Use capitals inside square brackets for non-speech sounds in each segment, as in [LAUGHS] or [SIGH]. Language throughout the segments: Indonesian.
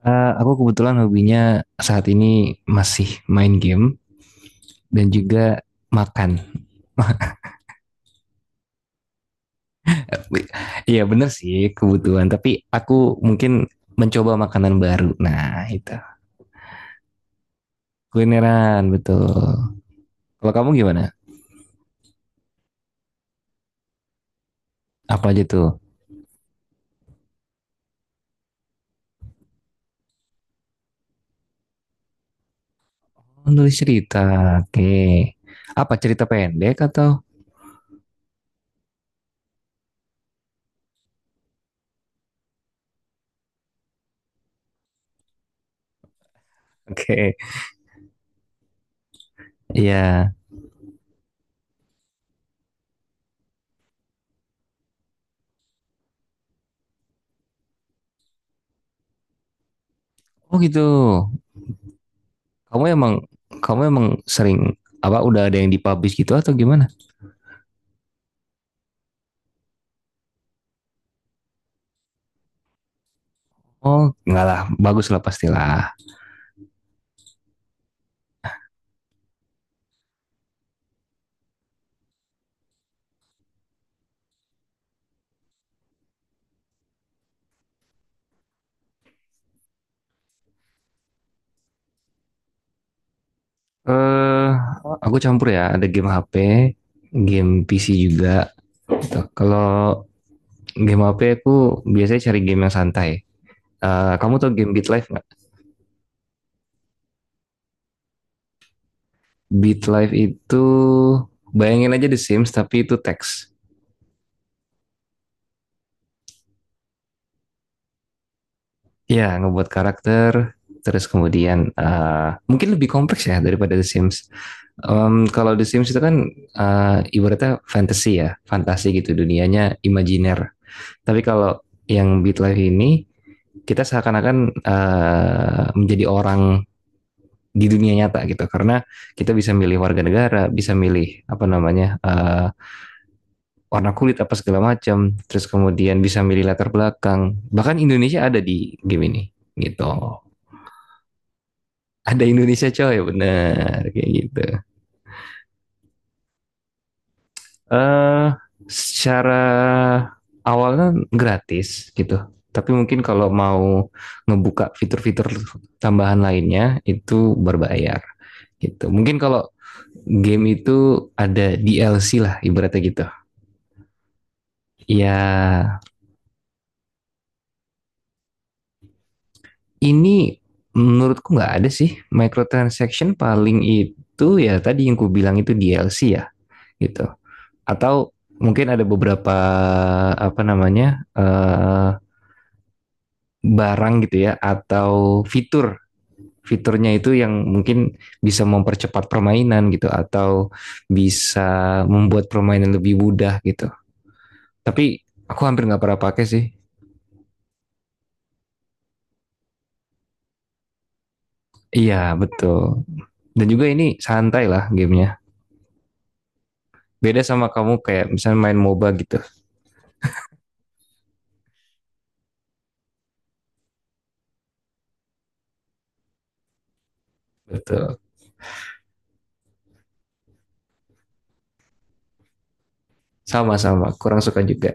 Aku kebetulan hobinya saat ini masih main game dan juga makan. [LAUGHS] Iya bener sih kebutuhan, tapi aku mungkin mencoba makanan baru. Nah itu kulineran betul. Kalau kamu gimana? Apa aja tuh? Menulis cerita, oke. Okay. Apa cerita pendek atau? [LAUGHS] Oke, okay. Iya. Yeah. Oh gitu. Kamu emang kamu emang sering apa udah ada yang dipublish gitu atau gimana? Oh, enggak lah, bagus lah pastilah. Eh, aku campur ya. Ada game HP, game PC juga. Gitu. Kalau game HP aku biasanya cari game yang santai. Kamu tau game Beat Life nggak? Beat Life itu bayangin aja The Sims tapi itu teks. Ya, ngebuat karakter. Terus kemudian mungkin lebih kompleks ya daripada The Sims. Kalau The Sims itu kan ibaratnya fantasy ya, fantasi gitu dunianya imajiner. Tapi kalau yang Beat Life ini kita seakan-akan menjadi orang di dunia nyata gitu karena kita bisa milih warga negara, bisa milih apa namanya warna kulit apa segala macam, terus kemudian bisa milih latar belakang. Bahkan Indonesia ada di game ini gitu. Ada Indonesia coy, bener kayak gitu. eh Secara awalnya gratis gitu. Tapi mungkin kalau mau ngebuka fitur-fitur tambahan lainnya itu berbayar gitu. Mungkin kalau game itu ada DLC lah ibaratnya gitu. Ya ini menurutku nggak ada sih microtransaction paling itu ya tadi yang ku bilang itu DLC ya gitu. Atau mungkin ada beberapa apa namanya barang gitu ya atau fiturnya itu yang mungkin bisa mempercepat permainan gitu atau bisa membuat permainan lebih mudah gitu. Tapi aku hampir nggak pernah pakai sih. Iya betul. Dan juga ini santai lah gamenya. Beda sama kamu kayak misalnya main MOBA gitu. Betul. Sama-sama. Kurang suka juga.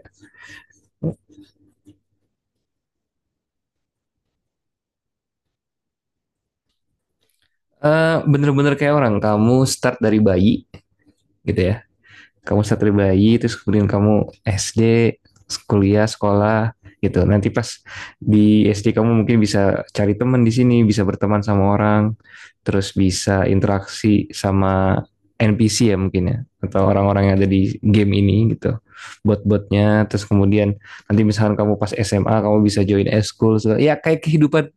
Bener-bener kayak orang. Kamu start dari bayi gitu ya. Kamu satria bayi terus kemudian kamu SD kuliah sekolah gitu nanti pas di SD kamu mungkin bisa cari teman di sini bisa berteman sama orang terus bisa interaksi sama NPC ya mungkin ya atau orang-orang yang ada di game ini gitu bot-botnya terus kemudian nanti misalkan kamu pas SMA kamu bisa join eskul ya kayak kehidupan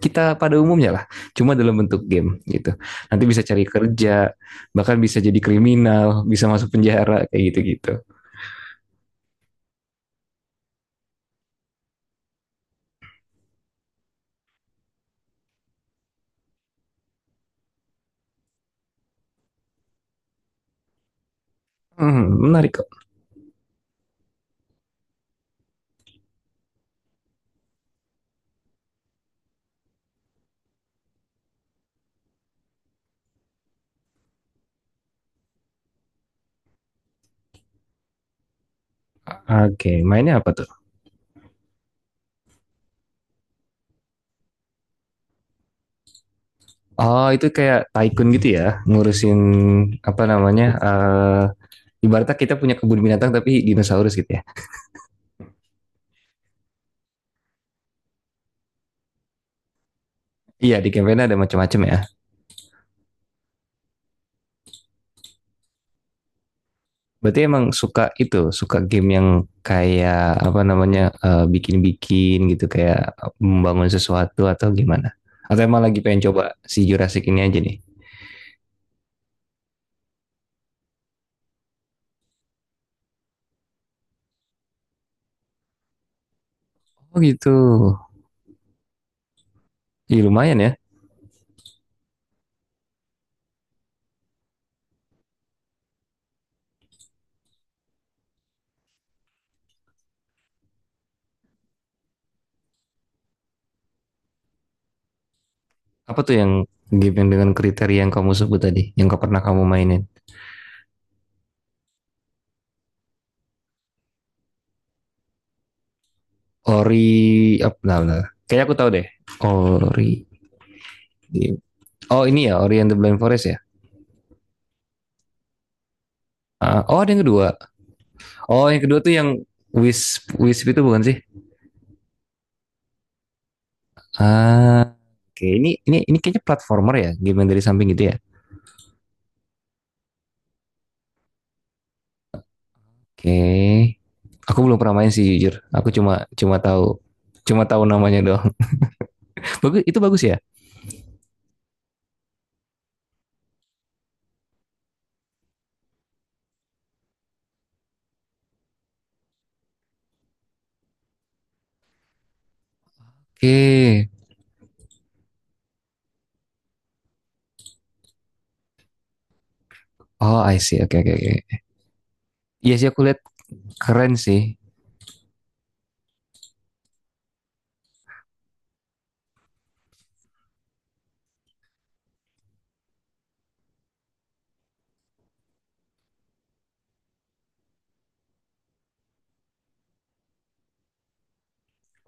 kita pada umumnya lah, cuma dalam bentuk game gitu. Nanti bisa cari kerja, bahkan bisa jadi kriminal, bisa masuk penjara kayak gitu-gitu. Hmm, menarik kok. Oke, mainnya apa tuh? Oh, itu kayak tycoon gitu ya, ngurusin apa namanya? Ibaratnya kita punya kebun binatang tapi dinosaurus gitu ya. Iya, di campaign ada macam-macam ya. Berarti emang suka itu, suka game yang kayak apa namanya bikin-bikin gitu, kayak membangun sesuatu atau gimana? Atau emang lagi pengen coba si Jurassic ini aja nih? Oh gitu. Ih, lumayan ya. Apa tuh yang game yang dengan kriteria yang kamu sebut tadi, yang gak pernah kamu mainin? Ori, apa? Nah, nah. Kayaknya aku tahu deh. Ori. Oh ini ya, Ori and the Blind Forest ya. Ah, oh ada yang kedua. Oh yang kedua tuh yang Wisp, Wisp itu bukan sih? Ah, oke. Ini kayaknya platformer ya, game yang dari samping gitu ya. Oke. Aku belum pernah main sih jujur. Aku cuma cuma tahu tahu namanya doang. [LAUGHS] Bagus, itu bagus ya? Oke. Oh, I see. Oke, oke, oke. Iya sih aku lihat keren sih.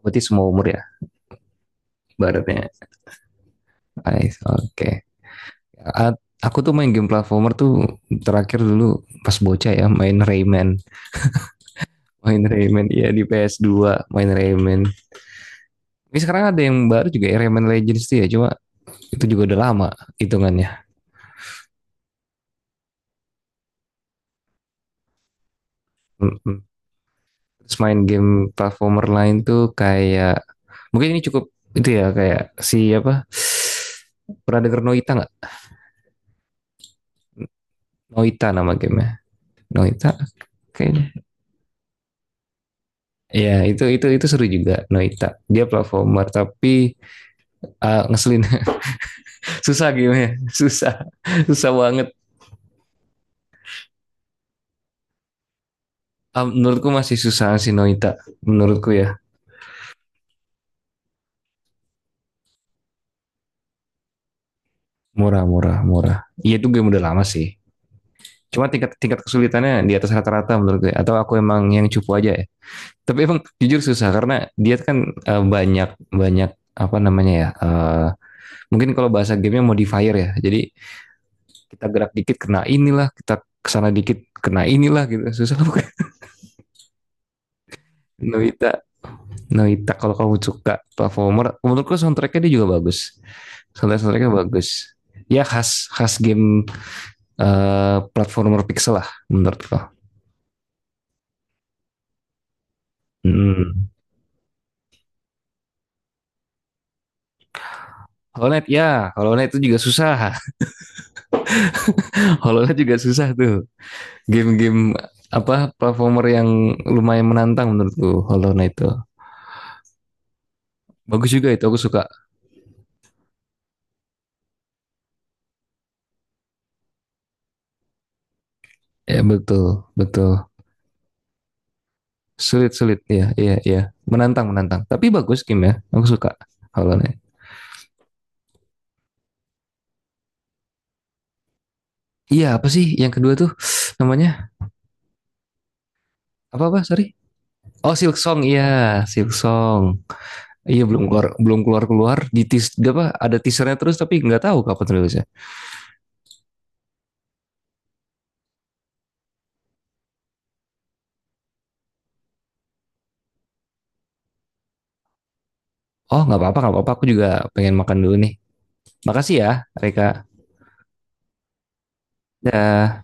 Berarti semua umur ya, baratnya. I see. Oke. A- Aku tuh main game platformer tuh terakhir dulu pas bocah ya, main Rayman. Main Rayman, iya di ps dua. Main Rayman. Tapi sekarang ada yang baru juga ya, Rayman Legends tuh ya, cuma itu juga udah lama hitungannya. mm Terus main game platformer lain tuh kayak mungkin ini cukup itu ya kayak si apa pernah denger Noita nggak? Noita nama gamenya. Noita kayaknya. Ya itu seru juga Noita. Dia platformer tapi ngeselin. [LAUGHS] Susah gamenya susah, [LAUGHS] susah banget. Ah, menurutku masih susah si Noita. Menurutku ya murah murah murah. Iya itu game udah lama sih. Cuma tingkat tingkat kesulitannya di atas rata-rata menurut gue. Atau aku emang yang cupu aja ya? Tapi emang jujur susah karena dia kan banyak banyak apa namanya ya? Mungkin kalau bahasa gamenya modifier ya. Jadi kita gerak dikit kena inilah, kita kesana dikit kena inilah gitu. [LAUGHS] Susah bukan? Noita, Noita kalau kamu suka performer, menurutku soundtracknya dia juga bagus. Soundtracknya bagus. Ya khas khas game platformer pixel lah menurutku. Hmm. Hollow Knight ya, Hollow Knight itu juga susah. [LAUGHS] Hollow Knight juga susah tuh. Game-game apa platformer yang lumayan menantang menurutku Hollow Knight itu. Bagus juga itu aku suka. Ya betul, betul. Sulit-sulit ya, iya iya. Iya. Menantang menantang. Tapi bagus game ya. Aku suka Hollow Knight. Iya, apa sih yang kedua tuh namanya? Apa-apa? Sorry. Oh, Silk Song. Iya, Silk Song. Iya belum keluar belum keluar keluar di teas, apa ada teasernya terus tapi nggak tahu kapan rilisnya. Oh nggak apa-apa aku juga pengen makan dulu nih. Makasih ya Reka. Dah.